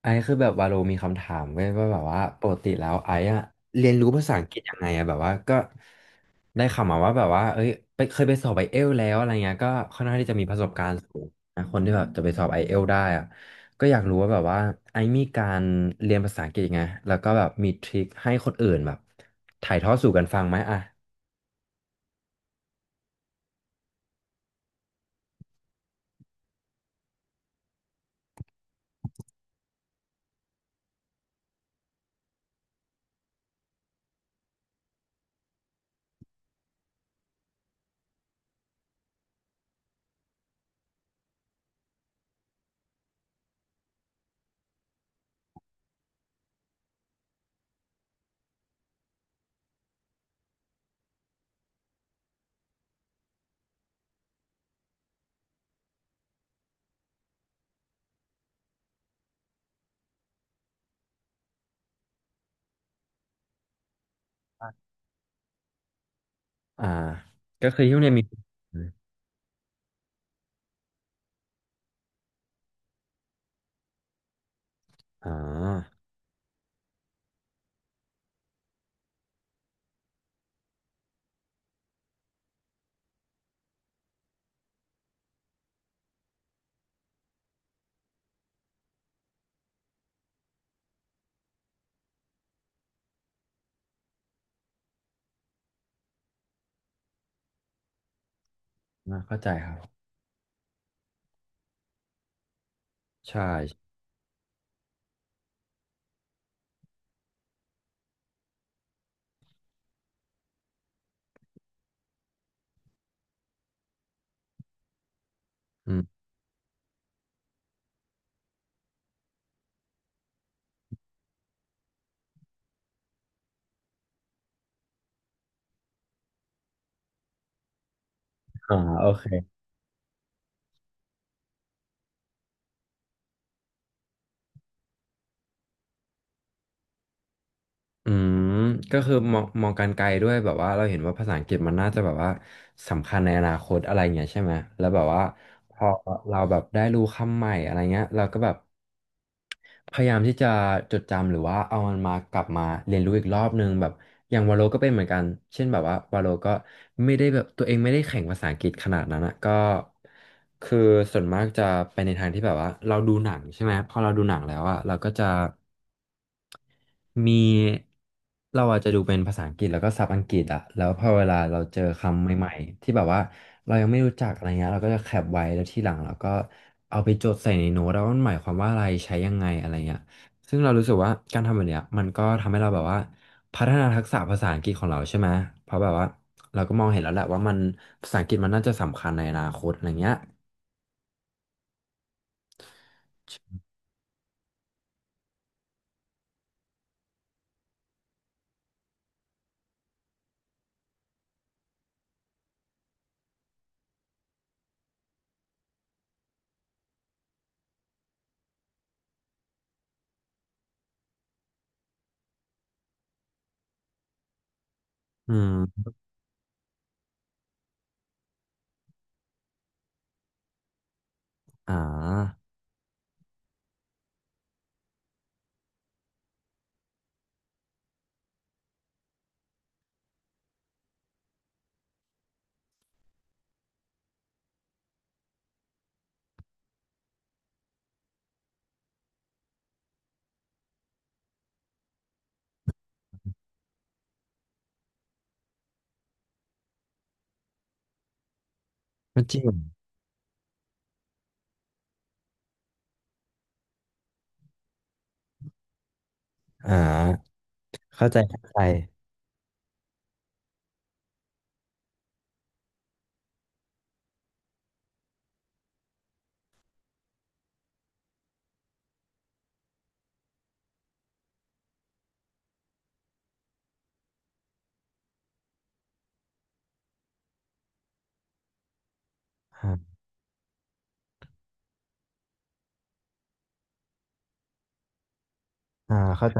ไอซ์คือแบบวาโลมีคำถามเว้ยว่าแบบว่าปกติแล้วไอซ์อะเรียนรู้ภาษาอังกฤษยังไงอะแบบว่าก็ได้ข่าวมาว่าแบบว่าเอ้ยไปเคยไปสอบไอเอลแล้วอะไรเงี้ยก็ค่อนข้างที่จะมีประสบการณ์สูงนะคนที่แบบจะไปสอบไอเอลได้อะก็อยากรู้ว่าแบบว่าไอซ์มีการเรียนภาษาอังกฤษยังไงแล้วก็แบบมีทริคให้คนอื่นแบบถ่ายทอดสู่กันฟังไหมอะอ่าก็คือที่โรงเรียนมีอ๋อเข้าใจครับใช่อืมอ่าโอเค อืมก็คือมองการไกลด้วยแบบว่าเราเห็นว่าภาษาอังกฤษมันน่าจะแบบว่าสำคัญในอนาคตอะไรเงี้ยใช่ไหมแล้วแบบว่าพอเราแบบได้รู้คำใหม่อะไรเงี้ยเราก็แบบพยายามที่จะจดจำหรือว่าเอามันมากลับมาเรียนรู้อีกรอบนึงแบบอย่างวาโลก็เป็นเหมือนกันเช่นแบบว่าวาโลก็ไม่ได้แบบตัวเองไม่ได้แข่งภาษาอังกฤษขนาดนั้นนะก็คือส่วนมากจะไปในทางที่แบบว่าเราดูหนังใช่ไหมพอเราดูหนังแล้วอะเราก็จะ มีเราอาจจะดูเป็นภาษาอังกฤษแล้วก็ศัพท์อังกฤษอะแล้วพอเวลาเราเจอคำใหม่ๆที่แบบว่าเรายังไม่รู้จักอะไรเงี้ยเราก็จะแคปไว้แล้วทีหลังเราก็เอาไปจดใส่ในโน้ตแล้วามันหมายความว่าอะไรใช้ยังไงอะไรเงี้ยซึ่งเรารู้สึกว่าการทำแบบเนี้ยมันก็ทำให้เราแบบว่าพัฒนาทักษะภาษาอังกฤษของเราใช่ไหมเพราะแบบว่าเราก็มองเห็นแล้วแหละว่ามันภาษาอังกฤษมันน่าจะสำคัญในอนาคตอะไรเงี้ยอืมอ่าก็จริงอ่าเข้าใจเข้าใจอ่าอ่าเข้าใจ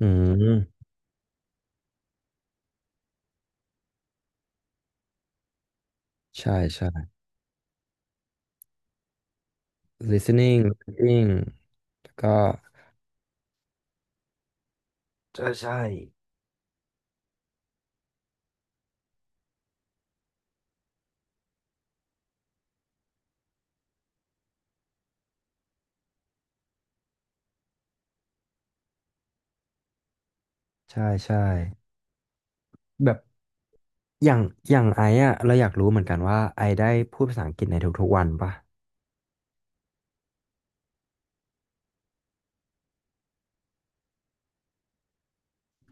อืมใช่ใช่ listening reading แล้วก็ใช่ใช่ใช่ใช่แบบอย่างไอ้อะเราอยากรู้เหมือนกันว่าไอได้พูดภาษาอังกฤษในทุกๆวันปะ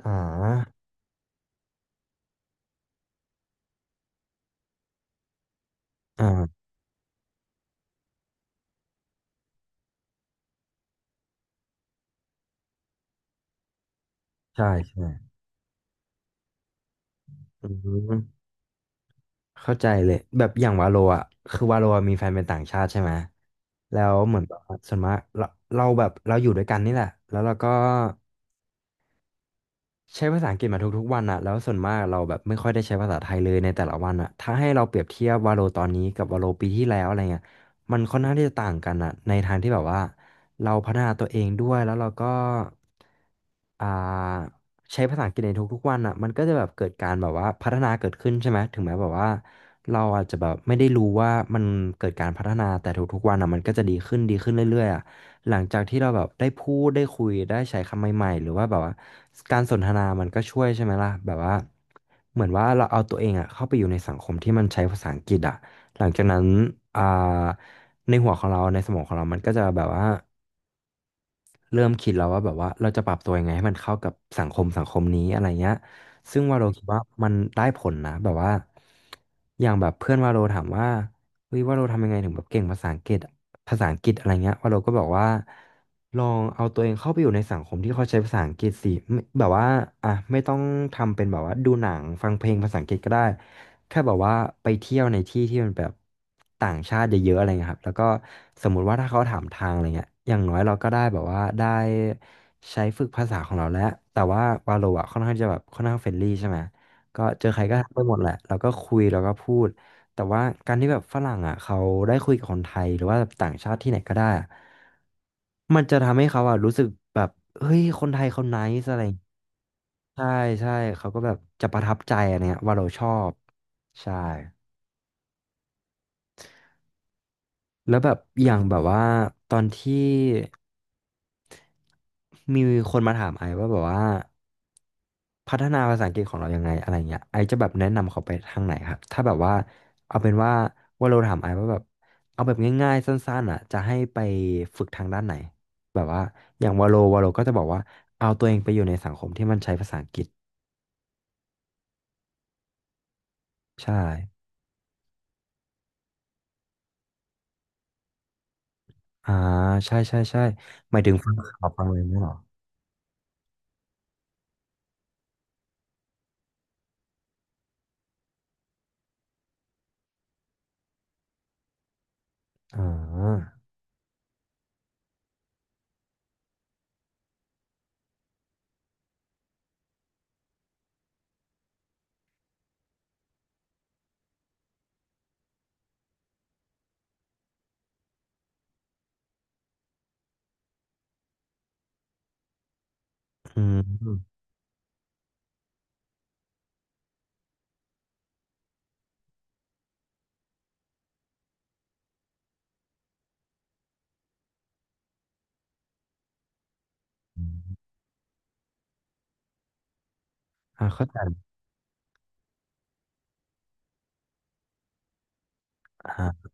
อ่าอ่าใช่ใช่อืมเข้าใจเลยแบบอย่างวาโลอะคือวาโลอะมีแฟนเป็นต่างชาติใช่ไหมแล้วเหมือนแบบว่าส่วนมากเราแบบเราอยู่ด้วยกันนี่แหละแล้วเราก็ ใช้ภาษาอังกฤษมาทุกๆวันอะแล้วส่วนมากเราแบบไม่ค่อยได้ใช้ภาษาไทยเลยในแต่ละวันอะถ้าให้เราเปรียบเทียบวาโลตอนนี้กับวาโลปีที่แล้วอะไรเงี้ยมันค่อนข้างที่จะต่างกันอะในทางที่แบบว่าเราพัฒนาตัวเองด้วยแล้วเราก็อ่าใช้ภาษาอังกฤษในทุกๆวันอะมันก็จะแบบเกิดการแบบว่าพัฒนาเกิดขึ้นใช่ไหมถึงแม้แบบว่าเราอาจจะแบบไม่ได้รู้ว่ามันเกิดการพัฒนาแต่ทุกๆวันอะมันก็จะดีขึ้นเรื่อยๆอะ หลังจากที่เราแบบได้พูดได้คุยได้ใช้คำใหม่ๆหรือว่าแบบว่าการสนทนามันก็ช่วยใช่ไหมล่ะแบบว่าเหมือนว่าเราเอาตัวเองอะเข้าไปอยู่ในสังคมที่มันใช้ภาษาอังกฤษอะหลังจากนั้นอ่าในหัวของเราในสมองของเรามันก็จะแบบว่าเริ่มคิดแล้วว่าแบบว่าเราจะปรับตัวยังไงให้มันเข้ากับสังคมนี้อะไรเงี้ยซึ่งวาโลคิดว่ามันได้ผลนะแบบว่าอย่างแบบเพื่อนวาโลถามว่าเฮ้ยวาโลทำยังไงถึงแบบเก่งภาษาอังกฤษ ภาษาอังกฤษอะไรเงี้ยว่าเราก็บอกว่าลองเอาตัวเองเข้าไปอยู่ในสังคมที่เขาใช้ภาษาอังกฤษสิไม่แบบว่าอ่ะไม่ต้องทำเป็นแบบว่าดูหนังฟังเพลงภาษาอังกฤษก็ได้แค่แบบว่าไปเที่ยวในที่ที่มันแบบต่างชาติเยอะๆอะไรเงี้ยครับแล้วก็สมมุติว่าถ้าเขาถามทางอะไรเงี้ยอย่างน้อยเราก็ได้แบบว่าได้ใช้ฝึกภาษาของเราแล้วแต่ว่าวาโลอ่ะค่อนข้างจะแบบค่อนข้างเฟรนลี่ใช่ไหมก็เจอใครก็ทักไปหมดแหละเราก็คุยแล้วก็พูด แต่ว่าการที่แบบฝรั่งอ่ะเขาได้คุยกับคนไทยหรือว่าต่างชาติที่ไหนก็ได้อะมันจะทำให้เขาอ่ะรู้สึกแบบเฮ้ยคนไทยเขาไนซ์อะไรอย่างเงี้ยใช่ใช่เขาก็แบบจะประทับใจอะไรเงี้ยว่าเราชอบใช่แล้วแบบอย่างแบบว่าตอนที่มีคนมาถามไอว่าแบบว่า พัฒนาภาษาอังกฤษของเรายังไงอะไรเงี้ยไอจะแบบแนะนำเขาไปทางไหนครับถ้าแบบว่าเอาเป็นว่าว่าเราถามไอว่าแบบเอาแบบง่ายๆสั้นๆอ่ะจะให้ไปฝึกทางด้านไหนแบบว่าอย่างวาโลก็จะบอกว่าเอาตัวเองไปอยู่ในสังคมที่มันใช้ภาษาอังกฤษใช่อ่าใช่ใช่ใช่หมายถึงฟังข่าวฟังอะไรเนี่ยเหรออ่าอืมอมอ่าเข้าใจอ่า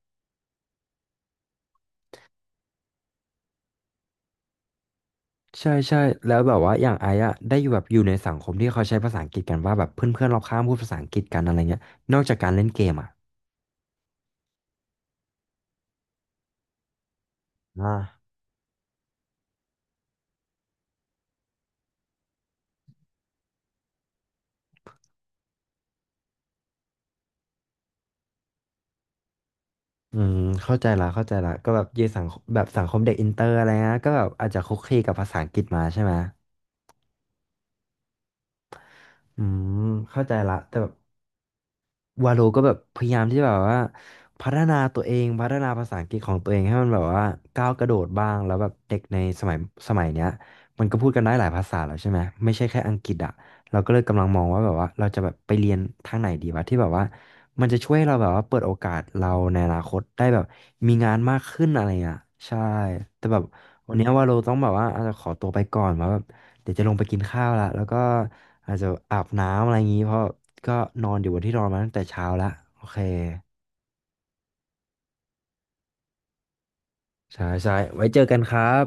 ใช่ใช่แล้วแบบว่าอย่างไอ้อะได้อยู่แบบอยู่ในสังคมที่เขาใช้ภาษาอังกฤษกันว่าแบบเพื่อนๆรอบข้างพูดภาษาอังกฤษกันอะไรเงี้ยนอกจากการเล่นเกมอะอ่าอืมเข้าใจละก็แบบเยสังคมแบบสังคมเด็กอินเตอร์อะไรเงี้ยก็แบบอาจจะคุกคีกับภาษาอังกฤษมาใช่ไหมอืมเข้าใจละแต่แบบ วาโลก็แบบพยายามที่จะแบบว่าพัฒนาตัวเองพัฒนาภาษาอังกฤษของตัวเองให้มันแบบว่าก้าวกระโดดบ้างแล้วแบบเด็กในสมัยเนี้ยมันก็พูดกันได้หลายภาษาแล้วใช่ไหมไม่ใช่แค่อังกฤษอ่ะเราก็เลยกำลังมองว่าแบบว่าเราจะแบบไปเรียนทางไหนดีวะที่แบบว่ามันจะช่วยให้เราแบบว่าเปิดโอกาสเราในอนาคตได้แบบมีงานมากขึ้นอะไรอ่ะใช่แต่แบบวันเนี้ยวาโลต้องแบบว่าอาจจะขอตัวไปก่อนว่าแบบ เดี๋ยวจะลงไปกินข้าวละแล้วก็อาจจะอาบน้ำอะไรอย่างนี้ เพราะก็นอนอยู่บนที่นอนมาตั้งแต่เช้าละโอเคใช่ใช่ไว้เจอกันครับ